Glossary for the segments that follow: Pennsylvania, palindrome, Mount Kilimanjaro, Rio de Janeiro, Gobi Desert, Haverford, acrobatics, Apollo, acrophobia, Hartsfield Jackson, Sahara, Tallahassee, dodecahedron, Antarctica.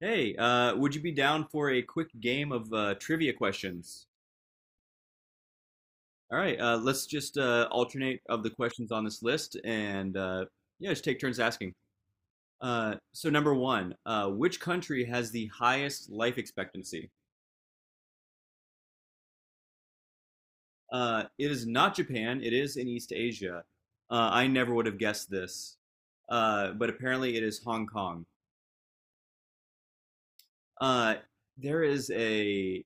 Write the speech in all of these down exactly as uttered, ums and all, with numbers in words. Hey, uh, would you be down for a quick game of uh, trivia questions? All right, uh, let's just uh, alternate of the questions on this list and uh, yeah, just take turns asking. Uh, so, number one, uh, which country has the highest life expectancy? Uh, it is not Japan, it is in East Asia. Uh, I never would have guessed this, uh, but apparently it is Hong Kong. Uh, there is a,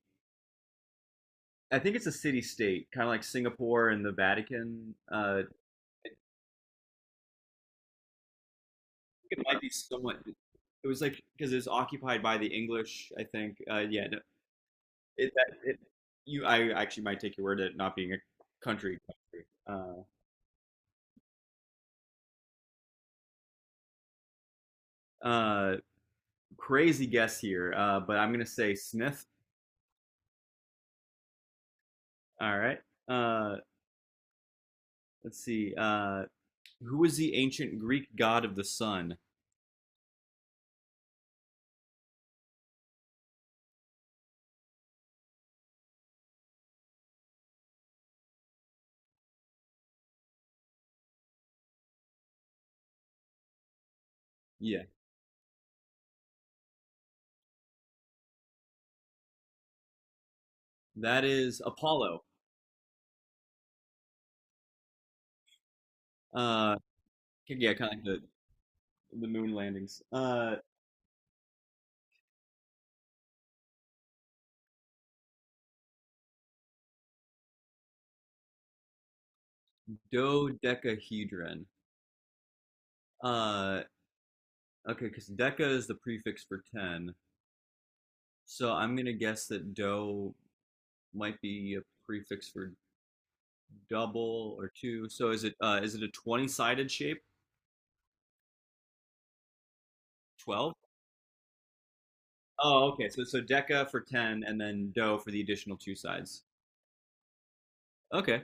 I think it's a city state, kind of like Singapore and the Vatican. Uh, it might be somewhat. It was like because it was occupied by the English. I think. Uh, yeah. No, it, that, it, you. I actually might take your word at it not being a country. country. Uh, uh, crazy guess here, uh, but I'm gonna say Smith. All right. Uh, let's see. Uh, who was the ancient Greek god of the sun? Yeah, that is Apollo. Uh, yeah, kind of like the the moon landings. Uh, dodecahedron. Uh, Okay, because deca is the prefix for ten. So I'm going to guess that do might be a prefix for double or two. So is it uh, is it a twenty-sided shape? twelve? Oh, okay. So so deca for ten and then do for the additional two sides. Okay.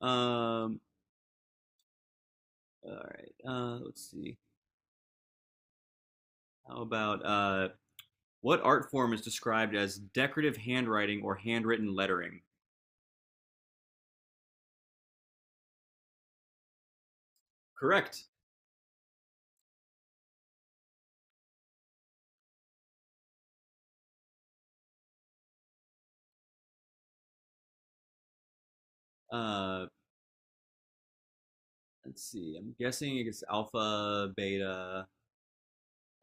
Um all right. Uh let's see. How about uh what art form is described as decorative handwriting or handwritten lettering? Correct. Uh let's see. I'm guessing it's alpha, beta,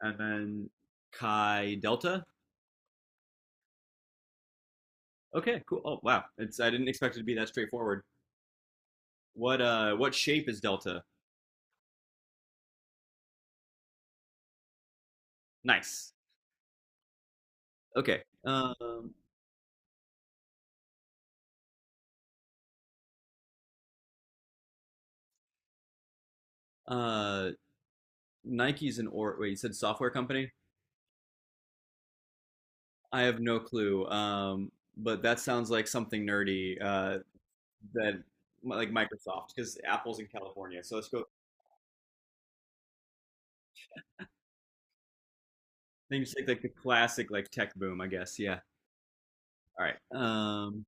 and then chi delta. Okay, cool. Oh wow, it's I didn't expect it to be that straightforward. What uh, what shape is delta? Nice. Okay. Um, uh, Nike's an or wait, you said software company? I have no clue. Um, but that sounds like something nerdy. Uh, that like Microsoft because Apple's in California. So let's go. Then you take like the classic like tech boom, I guess. Yeah. All right. Um,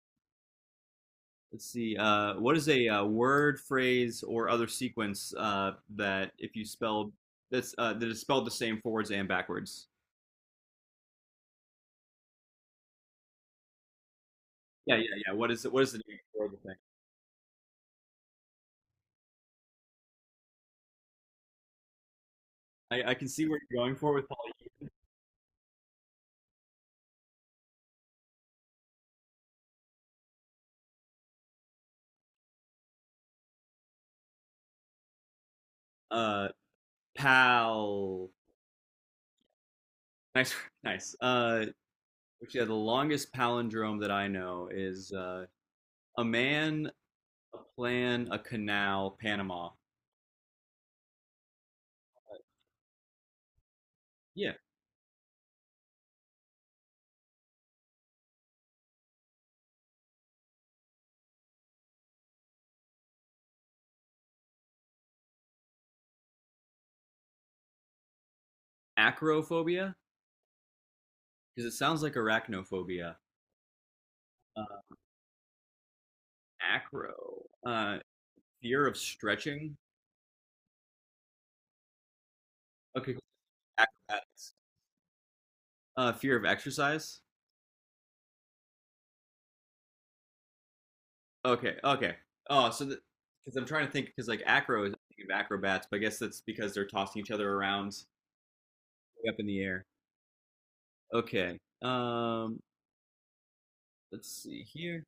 let's see. Uh, what is a, uh word, phrase, or other sequence uh, that if you spell that's uh, that is spelled the same forwards and backwards? Yeah, yeah, yeah. What is it? What is the name for the thing? I, I can see where you're going for with Paul. Uh, pal. Nice, nice. Uh, which, yeah, the longest palindrome that I know is uh, a man, a plan, a canal, Panama. Yeah, acrophobia because it sounds like arachnophobia. Uh, acro. Uh, fear of stretching. Okay, cool. Acrobatics. Uh, fear of exercise. Okay, okay. Oh, so because I'm trying to think, because like acro is I think of acrobats, but I guess that's because they're tossing each other around way up in the air. Okay. Um, let's see here.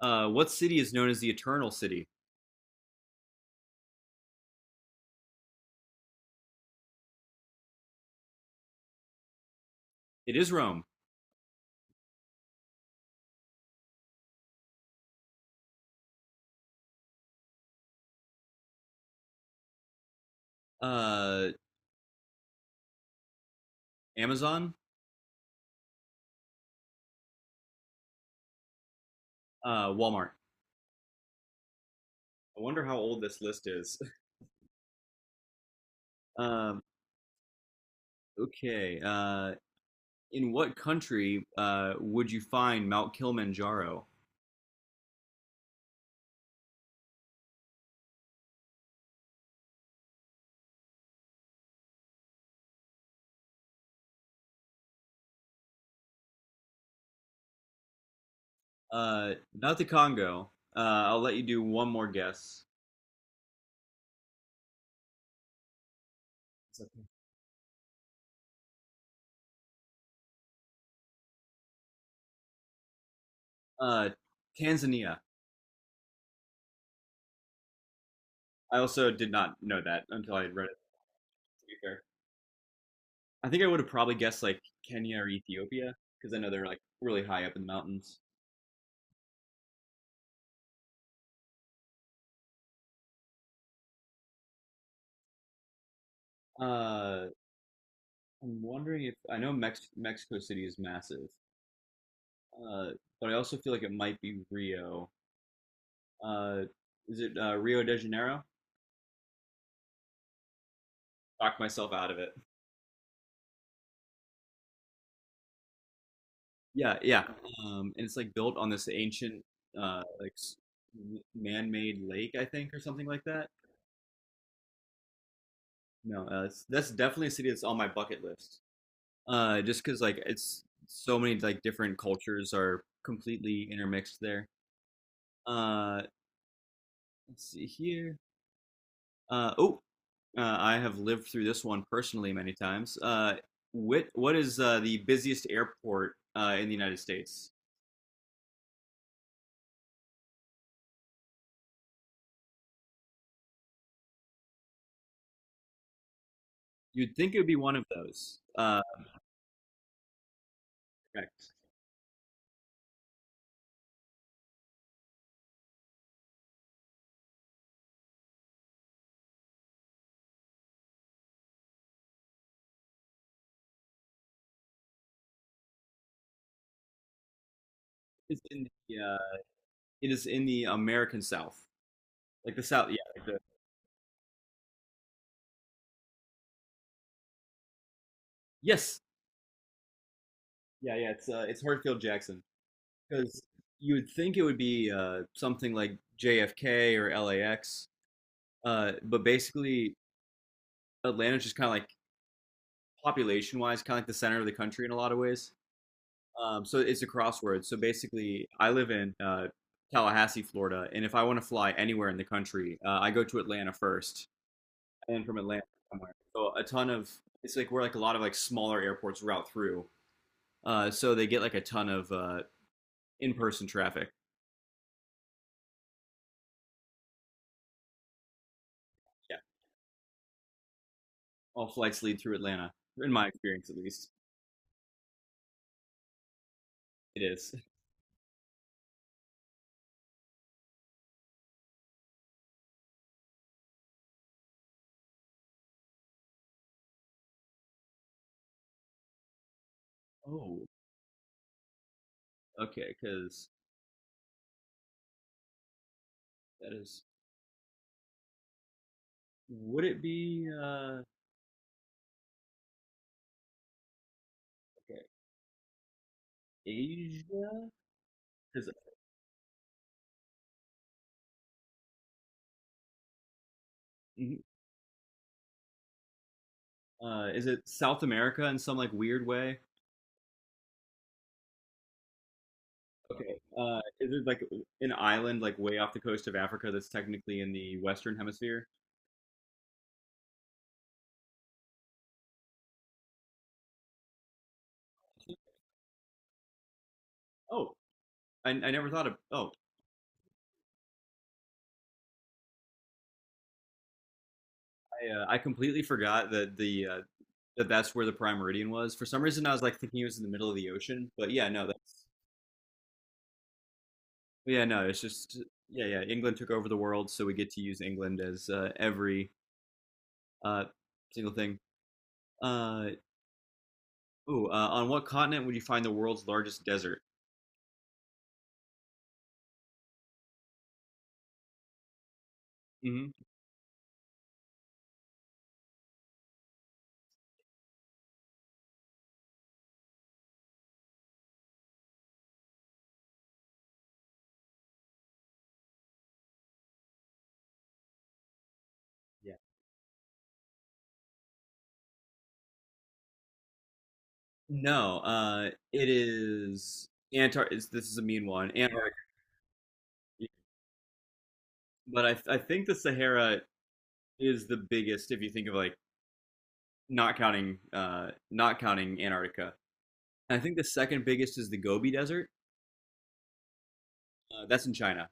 Uh, what city is known as the Eternal City? It is Rome. Uh, Amazon. Uh, Walmart. I wonder how old this list is. Um, okay. Uh, in what country uh, would you find Mount Kilimanjaro? Uh, not the Congo. Uh, I'll let you do one more guess. It's okay. Uh, Tanzania. I also did not know that until I read it. To be fair, I think I would have probably guessed like Kenya or Ethiopia because I know they're like really high up in the mountains. Uh, I'm wondering if I know Mex- Mexico City is massive, uh, but I also feel like it might be Rio. Uh, is it uh, Rio de Janeiro? Talked myself out of it. Yeah, yeah. Um, and it's like built on this ancient, uh, like s- m- man-made lake, I think, or something like that. No, uh, it's, that's definitely a city that's on my bucket list. Uh, just because like it's so many like different cultures are completely intermixed there. Uh, let's see here. Uh, oh, uh, I have lived through this one personally many times. Uh, what what is uh, the busiest airport uh, in the United States? You'd think it would be one of those. Uh, correct. It's in the uh, It is in the American South, like the South. Yeah. Like the, yes. Yeah, yeah. It's uh, it's Hartsfield Jackson because you would think it would be uh, something like J F K or L A X, uh, but basically Atlanta's just kind of like population-wise, kind of like the center of the country in a lot of ways. Um, so it's a crossword. So basically, I live in uh, Tallahassee, Florida, and if I want to fly anywhere in the country, uh, I go to Atlanta first, and from Atlanta somewhere. So a ton of it's like where like a lot of like smaller airports route through. Uh, so they get like a ton of uh, in-person traffic. Yeah, all flights lead through Atlanta, in my experience at least. It is. Oh, okay, because that is. Would it be uh, okay, Asia? Is it, uh, is it South America in some like weird way? Okay, uh, is it like an island like way off the coast of Africa that's technically in the Western Hemisphere? Oh, I, I never thought of. Oh, I, uh, I completely forgot that the uh, that that's where the prime meridian was. For some reason, I was like thinking it was in the middle of the ocean, but yeah, no, that's yeah, no, it's just yeah, yeah. England took over the world, so we get to use England as uh, every uh, single thing. Uh, ooh, uh, on what continent would you find the world's largest desert? hmm Yeah. No, uh, it is Antar. It's, this is a mean one, Antarctica. But I I think the Sahara is the biggest if you think of like not counting uh not counting Antarctica. And I think the second biggest is the Gobi Desert. Uh, that's in China.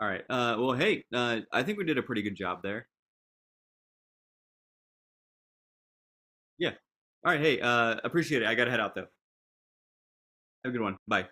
All right. Uh, well, hey, uh, I think we did a pretty good job there. Yeah. All right. Hey, uh, appreciate it. I gotta head out though. Have a good one. Bye.